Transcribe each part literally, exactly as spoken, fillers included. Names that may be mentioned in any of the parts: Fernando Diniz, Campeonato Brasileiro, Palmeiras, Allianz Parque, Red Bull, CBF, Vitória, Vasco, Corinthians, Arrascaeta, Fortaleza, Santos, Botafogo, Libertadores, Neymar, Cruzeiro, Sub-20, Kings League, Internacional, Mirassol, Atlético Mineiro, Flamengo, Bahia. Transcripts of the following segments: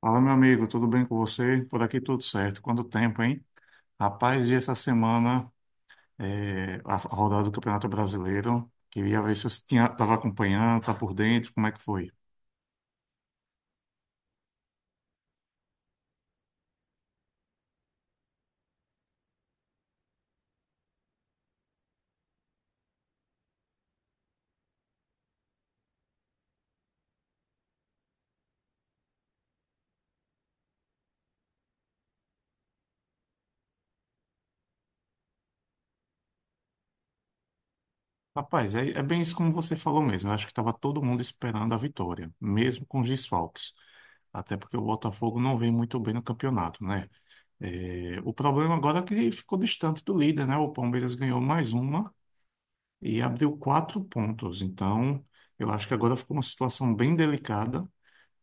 Fala, meu amigo, tudo bem com você? Por aqui tudo certo. Quanto tempo, hein? Rapaz, vi essa semana eh, a a rodada do Campeonato Brasileiro. Queria ver se você tinha, estava acompanhando, tá por dentro, como é que foi? Rapaz, é, é bem isso como você falou mesmo. Eu acho que estava todo mundo esperando a vitória, mesmo com os desfalques. Até porque o Botafogo não vem muito bem no campeonato, né? Eh, o problema agora é que ficou distante do líder, né? O Palmeiras ganhou mais uma e abriu quatro pontos. Então, eu acho que agora ficou uma situação bem delicada,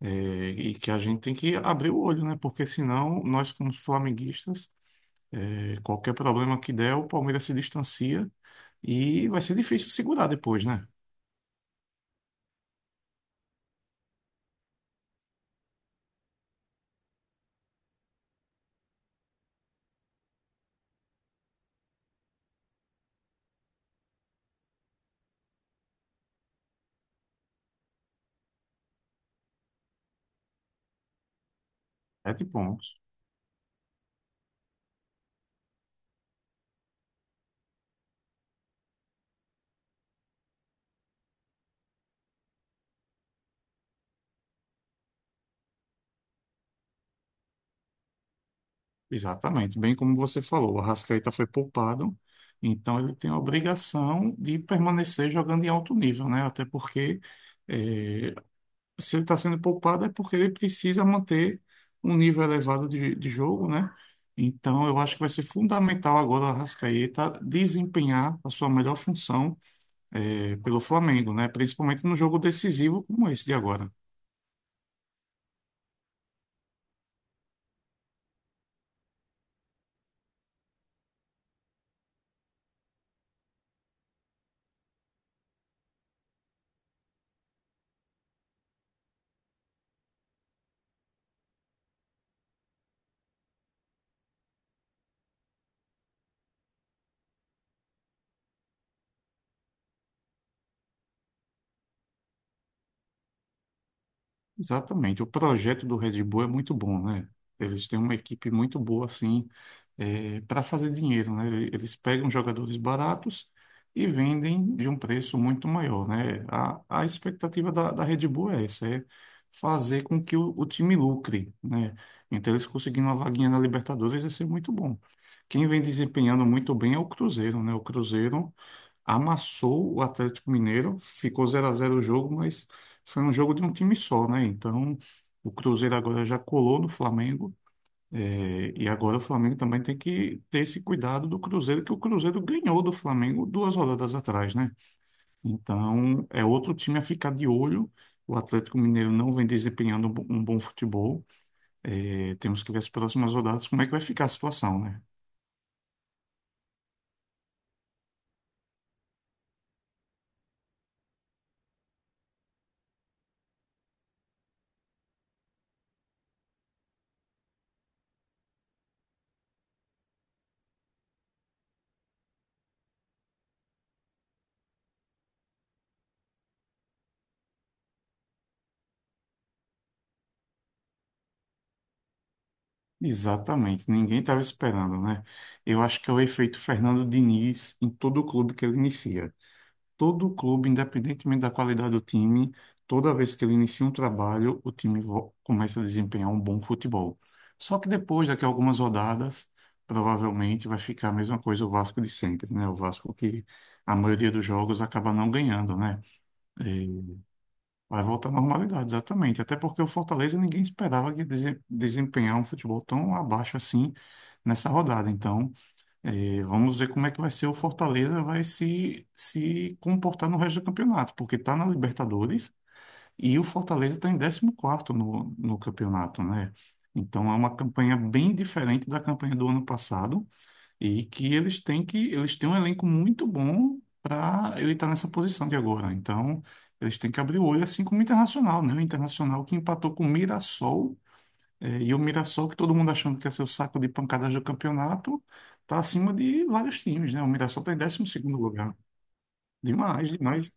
é, e que a gente tem que abrir o olho, né? Porque senão, nós, como flamenguistas, é, qualquer problema que der, o Palmeiras se distancia e vai ser difícil segurar depois, né? Sete pontos. Exatamente. Bem como você falou, o Arrascaeta foi poupado, então ele tem a obrigação de permanecer jogando em alto nível, né? Até porque eh, se ele está sendo poupado é porque ele precisa manter um nível elevado de, de jogo, né? Então, eu acho que vai ser fundamental agora o Arrascaeta desempenhar a sua melhor função eh, pelo Flamengo, né? Principalmente no jogo decisivo como esse de agora. Exatamente. O projeto do Red Bull é muito bom, né? Eles têm uma equipe muito boa, assim, para fazer dinheiro, né? Eles pegam jogadores baratos e vendem de um preço muito maior, né? A, a expectativa da, da Red Bull é essa, é fazer com que o, o time lucre, né? Então, eles conseguindo uma vaguinha na Libertadores vai ser muito bom. Quem vem desempenhando muito bem é o Cruzeiro, né? O Cruzeiro amassou o Atlético Mineiro, ficou zero a zero o jogo, mas foi um jogo de um time só, né? Então, o Cruzeiro agora já colou no Flamengo, eh, e agora o Flamengo também tem que ter esse cuidado do Cruzeiro, que o Cruzeiro ganhou do Flamengo duas rodadas atrás, né? Então, é outro time a ficar de olho. O Atlético Mineiro não vem desempenhando um bo- um bom futebol. Eh, temos que ver as próximas rodadas, como é que vai ficar a situação, né? Exatamente, ninguém estava esperando, né? Eu acho que é o efeito Fernando Diniz em todo o clube que ele inicia. Todo clube, independentemente da qualidade do time, toda vez que ele inicia um trabalho, o time vo- começa a desempenhar um bom futebol. Só que depois, daqui a algumas rodadas, provavelmente vai ficar a mesma coisa o Vasco de sempre, né? O Vasco que a maioria dos jogos acaba não ganhando, né? E vai voltar à normalidade, exatamente. Até porque o Fortaleza ninguém esperava que ia dese- desempenhar um futebol tão abaixo assim nessa rodada. Então, e vamos ver como é que vai ser. O Fortaleza vai se, se comportar no resto do campeonato, porque está na Libertadores e o Fortaleza está em décimo quarto no, no campeonato, né? Então é uma campanha bem diferente da campanha do ano passado e que eles têm que eles têm um elenco muito bom para ele estar nessa posição de agora. Então eles têm que abrir o olho assim como o Internacional, né? O Internacional que empatou com o Mirassol, é, e o Mirassol, que todo mundo achando que ia ser o saco de pancadas do campeonato, está acima de vários times, né? O Mirassol está em décimo segundo lugar. Demais, demais.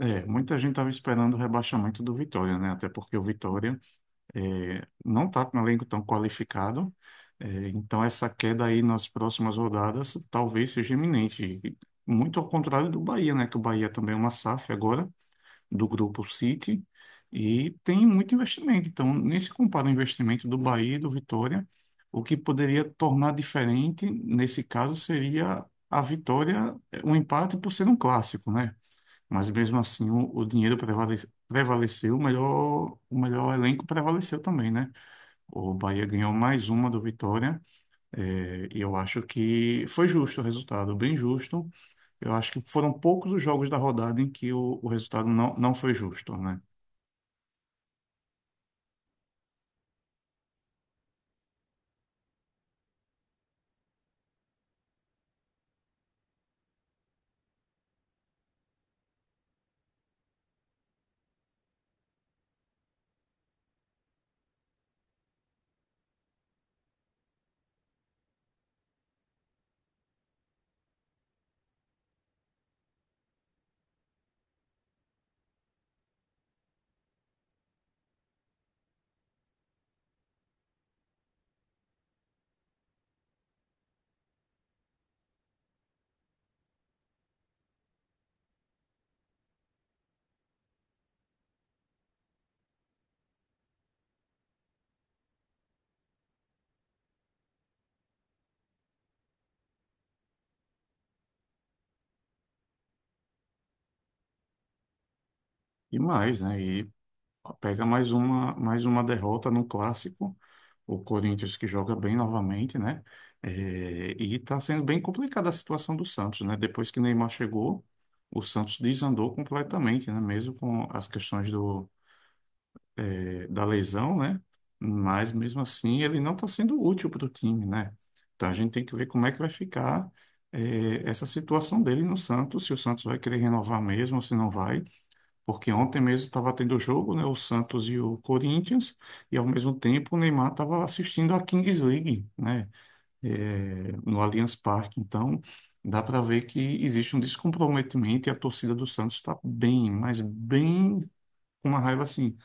É, muita gente estava esperando o rebaixamento do Vitória, né? Até porque o Vitória, é, não está com um elenco tão qualificado. É, então, essa queda aí nas próximas rodadas talvez seja iminente. E muito ao contrário do Bahia, né? Que o Bahia também é uma S A F agora do grupo City e tem muito investimento. Então, nem se compara o investimento do Bahia e do Vitória. O que poderia tornar diferente, nesse caso, seria a vitória, um empate por ser um clássico, né? Mas mesmo assim, o, o dinheiro prevale- prevaleceu, o melhor, o melhor elenco prevaleceu também, né? O Bahia ganhou mais uma do Vitória, é, e eu acho que foi justo o resultado, bem justo. Eu acho que foram poucos os jogos da rodada em que o, o resultado não, não foi justo, né? E mais, né? E pega mais uma, mais uma derrota no clássico. O Corinthians que joga bem novamente, né? É, e está sendo bem complicada a situação do Santos, né? Depois que Neymar chegou, o Santos desandou completamente, né? Mesmo com as questões do da lesão, né? Mas mesmo assim ele não está sendo útil para o time, né? Então a gente tem que ver como é que vai ficar eh, essa situação dele no Santos, se o Santos vai querer renovar mesmo ou se não vai. Porque ontem mesmo estava tendo jogo, né? O Santos e o Corinthians, e ao mesmo tempo o Neymar estava assistindo a Kings League, né? eh, no Allianz Parque. Então, dá para ver que existe um descomprometimento e a torcida do Santos está bem, mas bem com uma raiva assim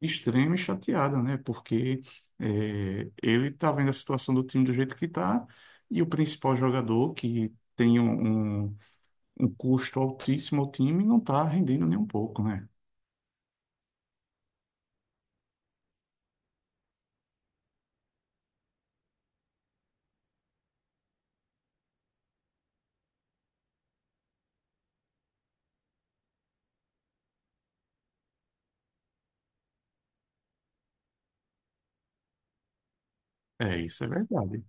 extrema e chateada, né? Porque é, ele tá vendo a situação do time do jeito que tá e o principal jogador que tem um, um, um custo altíssimo ao time não tá rendendo nem um pouco, né? É, isso é verdade.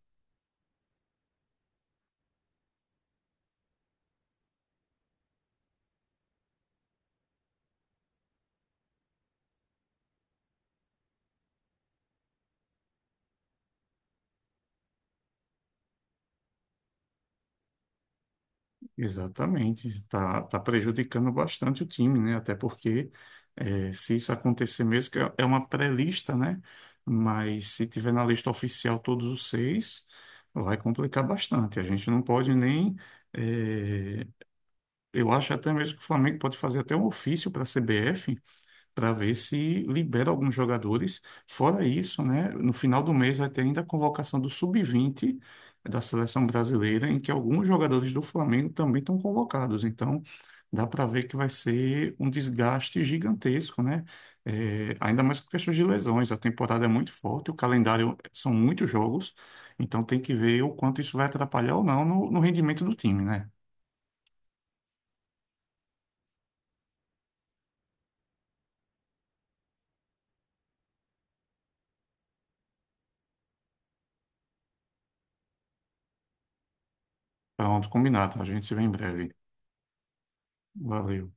Exatamente. Tá, tá prejudicando bastante o time, né? Até porque é, se isso acontecer mesmo, que é é uma pré-lista, né? Mas se tiver na lista oficial todos os seis, vai complicar bastante. A gente não pode nem. eh, Eu acho até mesmo que o Flamengo pode fazer até um ofício para a C B F para ver se libera alguns jogadores. Fora isso, né, no final do mês vai ter ainda a convocação do sub vinte da seleção brasileira, em que alguns jogadores do Flamengo também estão convocados. Então, dá para ver que vai ser um desgaste gigantesco, né? É, ainda mais por questões de lesões. A temporada é muito forte, o calendário são muitos jogos, então tem que ver o quanto isso vai atrapalhar ou não no, no rendimento do time, né? Pronto, combinado. A gente se vê em breve. Valeu.